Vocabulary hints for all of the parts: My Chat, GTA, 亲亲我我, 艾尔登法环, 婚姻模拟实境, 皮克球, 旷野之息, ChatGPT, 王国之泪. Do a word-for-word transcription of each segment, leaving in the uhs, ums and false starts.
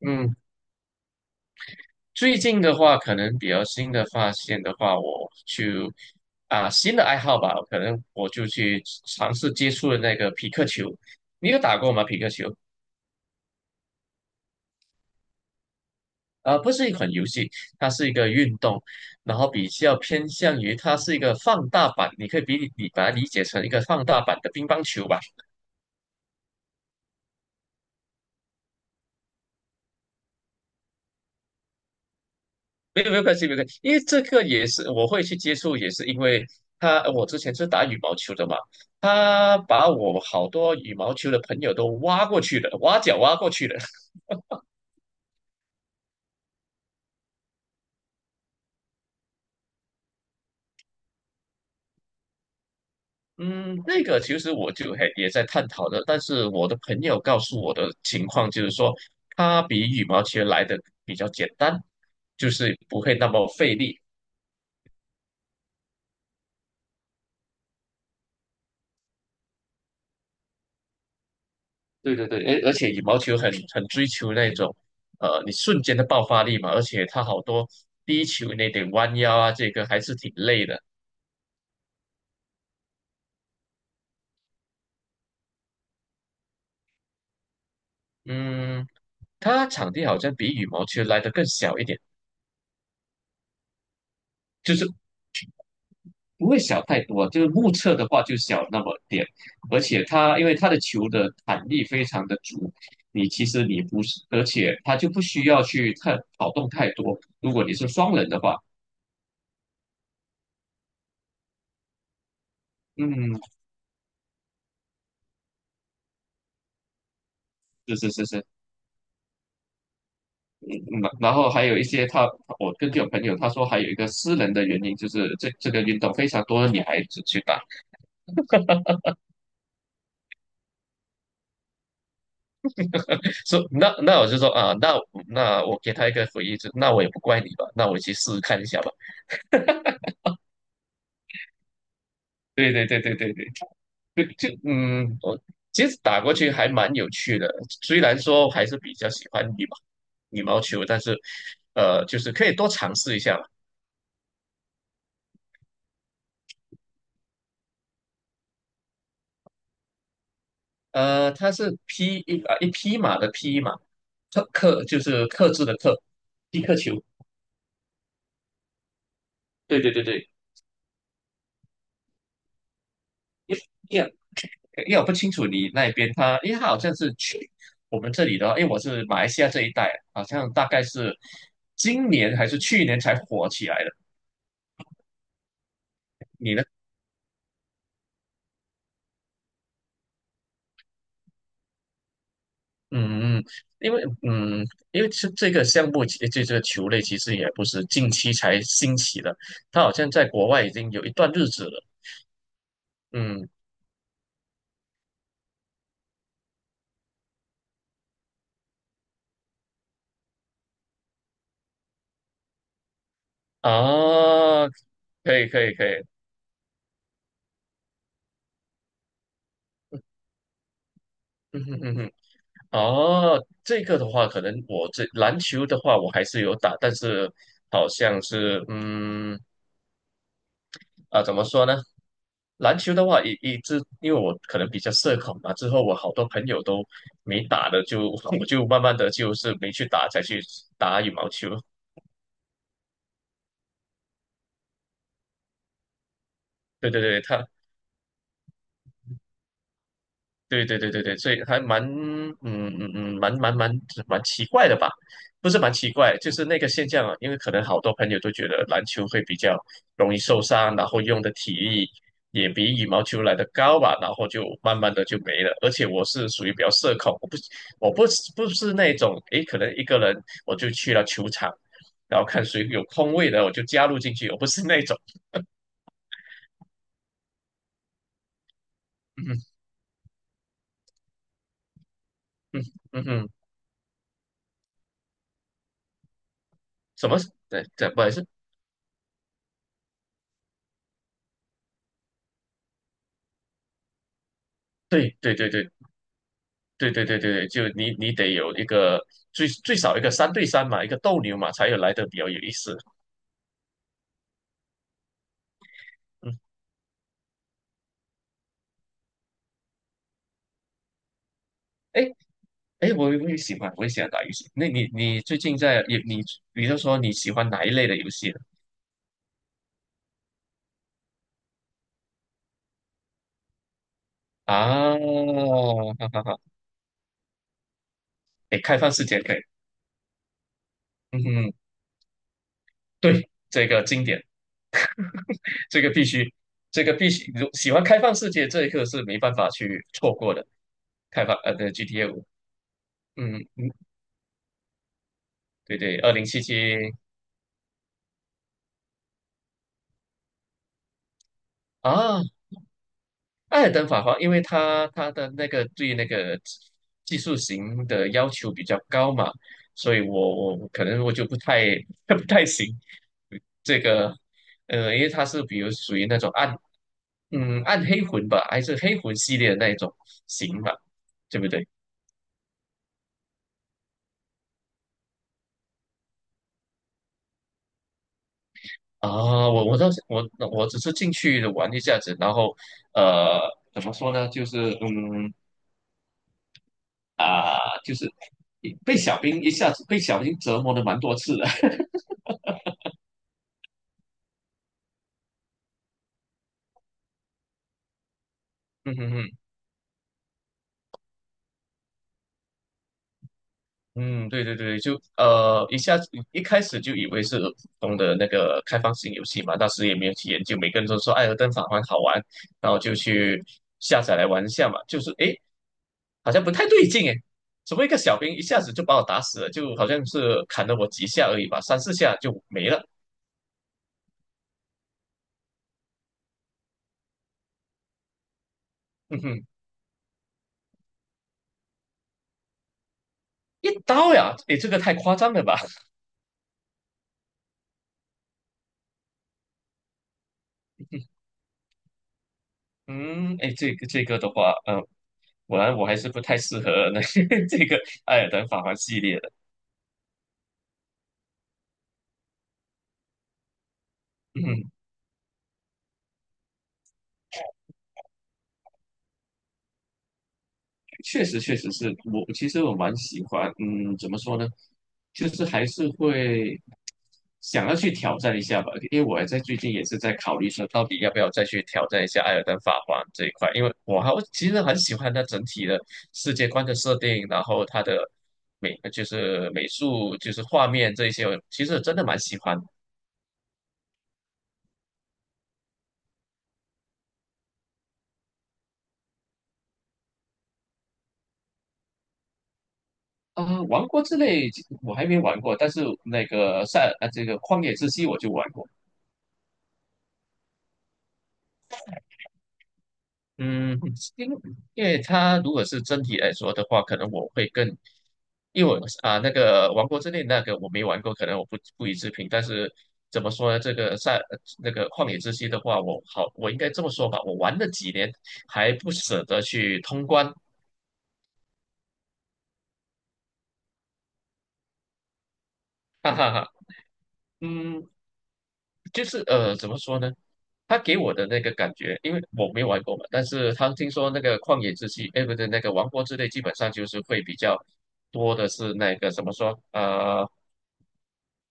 嗯，最近的话，可能比较新的发现的话，我就啊新的爱好吧，可能我就去尝试接触了那个皮克球。你有打过吗？皮克球？啊，不是一款游戏，它是一个运动，然后比较偏向于它是一个放大版，你可以比你把它理解成一个放大版的乒乓球吧。没有没有关系，没有关系，因为这个也是我会去接触，也是因为他，我之前是打羽毛球的嘛，他把我好多羽毛球的朋友都挖过去了，挖角挖过去了。嗯，那个其实我就还也在探讨的，但是我的朋友告诉我的情况就是说，他比羽毛球来的比较简单，就是不会那么费力。对对对，而而且羽毛球很很追求那种，呃，你瞬间的爆发力嘛，而且它好多低球那点弯腰啊，这个还是挺累的。嗯，它场地好像比羽毛球来的更小一点，就是不会小太多，就是目测的话就小那么点，而且它因为它的球的弹力非常的足，你其实你不是，而且它就不需要去太跑动太多。如果你是双人的话，嗯，是是是是。嗯，然后还有一些他，我根据我朋友他说，还有一个私人的原因，就是这这个运动非常多的女孩子去打，说那那我就说啊，那那我给他一个回应，就那我也不怪你吧，那我去试试看一下吧。对对对对对对，就就嗯，我其实打过去还蛮有趣的，虽然说还是比较喜欢羽毛羽毛球，但是呃，就是可以多尝试一下嘛。呃，它是匹一啊一匹马的匹马，克克就是克制的克，匹克球。对对对对，因为因为我不清楚你那边他，因为他好像是去我们这里的话，因为我是马来西亚这一带，好像大概是今年还是去年才火起来的。你呢？嗯，嗯，因为嗯，因为这这个项目，其这这个球类其实也不是近期才兴起的，它好像在国外已经有一段日子了。嗯啊，可以可以可以，嗯哼哼哼。哦，这个的话，可能我这篮球的话，我还是有打，但是好像是嗯啊，怎么说呢？篮球的话，一一直因为我可能比较社恐嘛，之后我好多朋友都没打的就，我就慢慢的就是没去打，才去打羽毛球。对对对，他对对对对对，所以还蛮嗯嗯嗯蛮蛮蛮蛮奇怪的吧？不是蛮奇怪，就是那个现象啊，因为可能好多朋友都觉得篮球会比较容易受伤，然后用的体力也比羽毛球来的高吧，然后就慢慢的就没了。而且我是属于比较社恐，我不我不是不是那种诶，可能一个人我就去了球场，然后看谁有空位的我就加入进去，我不是那种，嗯哼嗯哼嗯哼，什么？对对，不好意思，对对对对对对对对对，就你你得有一个最最少一个三对三嘛，一个斗牛嘛，才有来的比较有意思。嗯，哎哎，诶我我也喜欢，我也喜欢打游戏。那你你最近在你你比如说你喜欢哪一类的游戏呢？啊，哈哈哈，哎，开放世界可以，嗯哼，对，这个经典，这个必须，这个必须，如喜欢开放世界这一刻是没办法去错过的。开放呃的 G T A 五，嗯嗯，对对，二零七七。啊，艾尔登法环，因为它它的那个对那个技术型的要求比较高嘛，所以我我可能我就不太 不太行这个，呃，因为它是比如属于那种暗嗯暗黑魂吧，还是黑魂系列的那一种型吧，对不对？啊，我我倒是我我只是进去玩一下子，然后呃怎么说呢，就是嗯啊、就是被小兵一下子被小兵折磨的蛮多次的，嗯哼哼。嗯，对对对，就呃，一下子一开始就以为是普通的那个开放性游戏嘛，当时也没有去研究，每个人都说《艾尔登法环》好玩，然后就去下载来玩一下嘛，就是诶，好像不太对劲诶，怎么一个小兵一下子就把我打死了，就好像是砍了我几下而已吧，三四下就没了，嗯哼，一刀呀，诶，这个太夸张了吧，嗯，哎，这个这个的话，嗯、果然我还是不太适合那 这个《艾尔登法环》系列的，确实确实是我其实我蛮喜欢，嗯，怎么说呢，就是还是会想要去挑战一下吧，因为我还在最近也是在考虑说，到底要不要再去挑战一下艾尔登法环这一块，因为我还我其实很喜欢它整体的世界观的设定，然后它的美就是美术就是画面这一些，我其实真的蛮喜欢啊，呃王国之泪我还没玩过，但是那个塞呃这个旷野之息我就玩过。嗯，因因为它如果是真题来说的话，可能我会更，因为我啊那个《王国之泪》那个我没玩过，可能我不不予置评。但是怎么说呢？这个赛那个旷野之息的话，我好，我应该这么说吧，我玩了几年还不舍得去通关，哈哈哈。嗯，就是呃，怎么说呢？他给我的那个感觉，因为我没玩过嘛，但是他听说那个旷野之息，哎，不对，那个王国之泪，基本上就是会比较多的是那个怎么说，呃，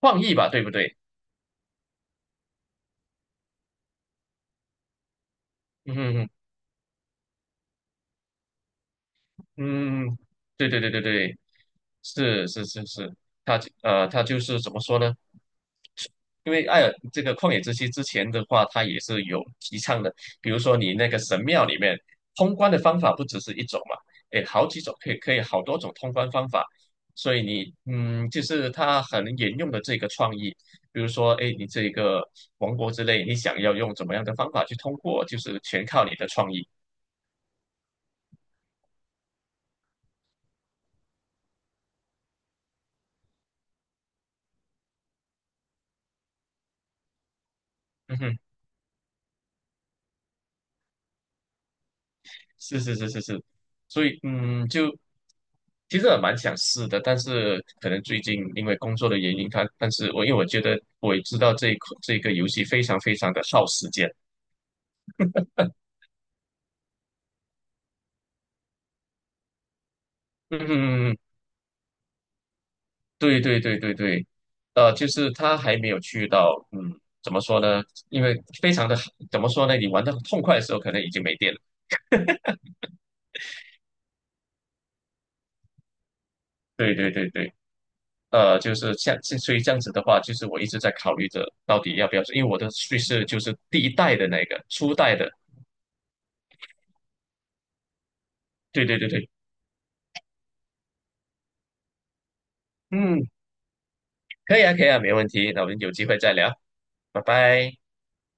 创意吧，对不对？嗯嗯，对对对对对，是是是是，他呃他就是怎么说呢？因为艾尔这个旷野之息之前的话，它也是有提倡的，比如说你那个神庙里面通关的方法不只是一种嘛，诶，好几种，可以可以好多种通关方法，所以你嗯，就是它很沿用的这个创意，比如说诶，你这个王国之类，你想要用怎么样的方法去通过，就是全靠你的创意。嗯哼，是是是是是，所以嗯，就其实我蛮想试的，但是可能最近因为工作的原因，它但是我因为我觉得我也知道这一款这个游戏非常非常的耗时间。嗯，对对对对对，呃，就是他还没有去到，嗯，怎么说呢？因为非常的怎么说呢？你玩的痛快的时候，可能已经没电了。对对对对，呃，就是像这所以这样子的话，就是我一直在考虑着到底要不要，因为我的叙事就是第一代的那个初代的。对对对对，嗯，可以啊可以啊，没问题。那我们有机会再聊。拜拜。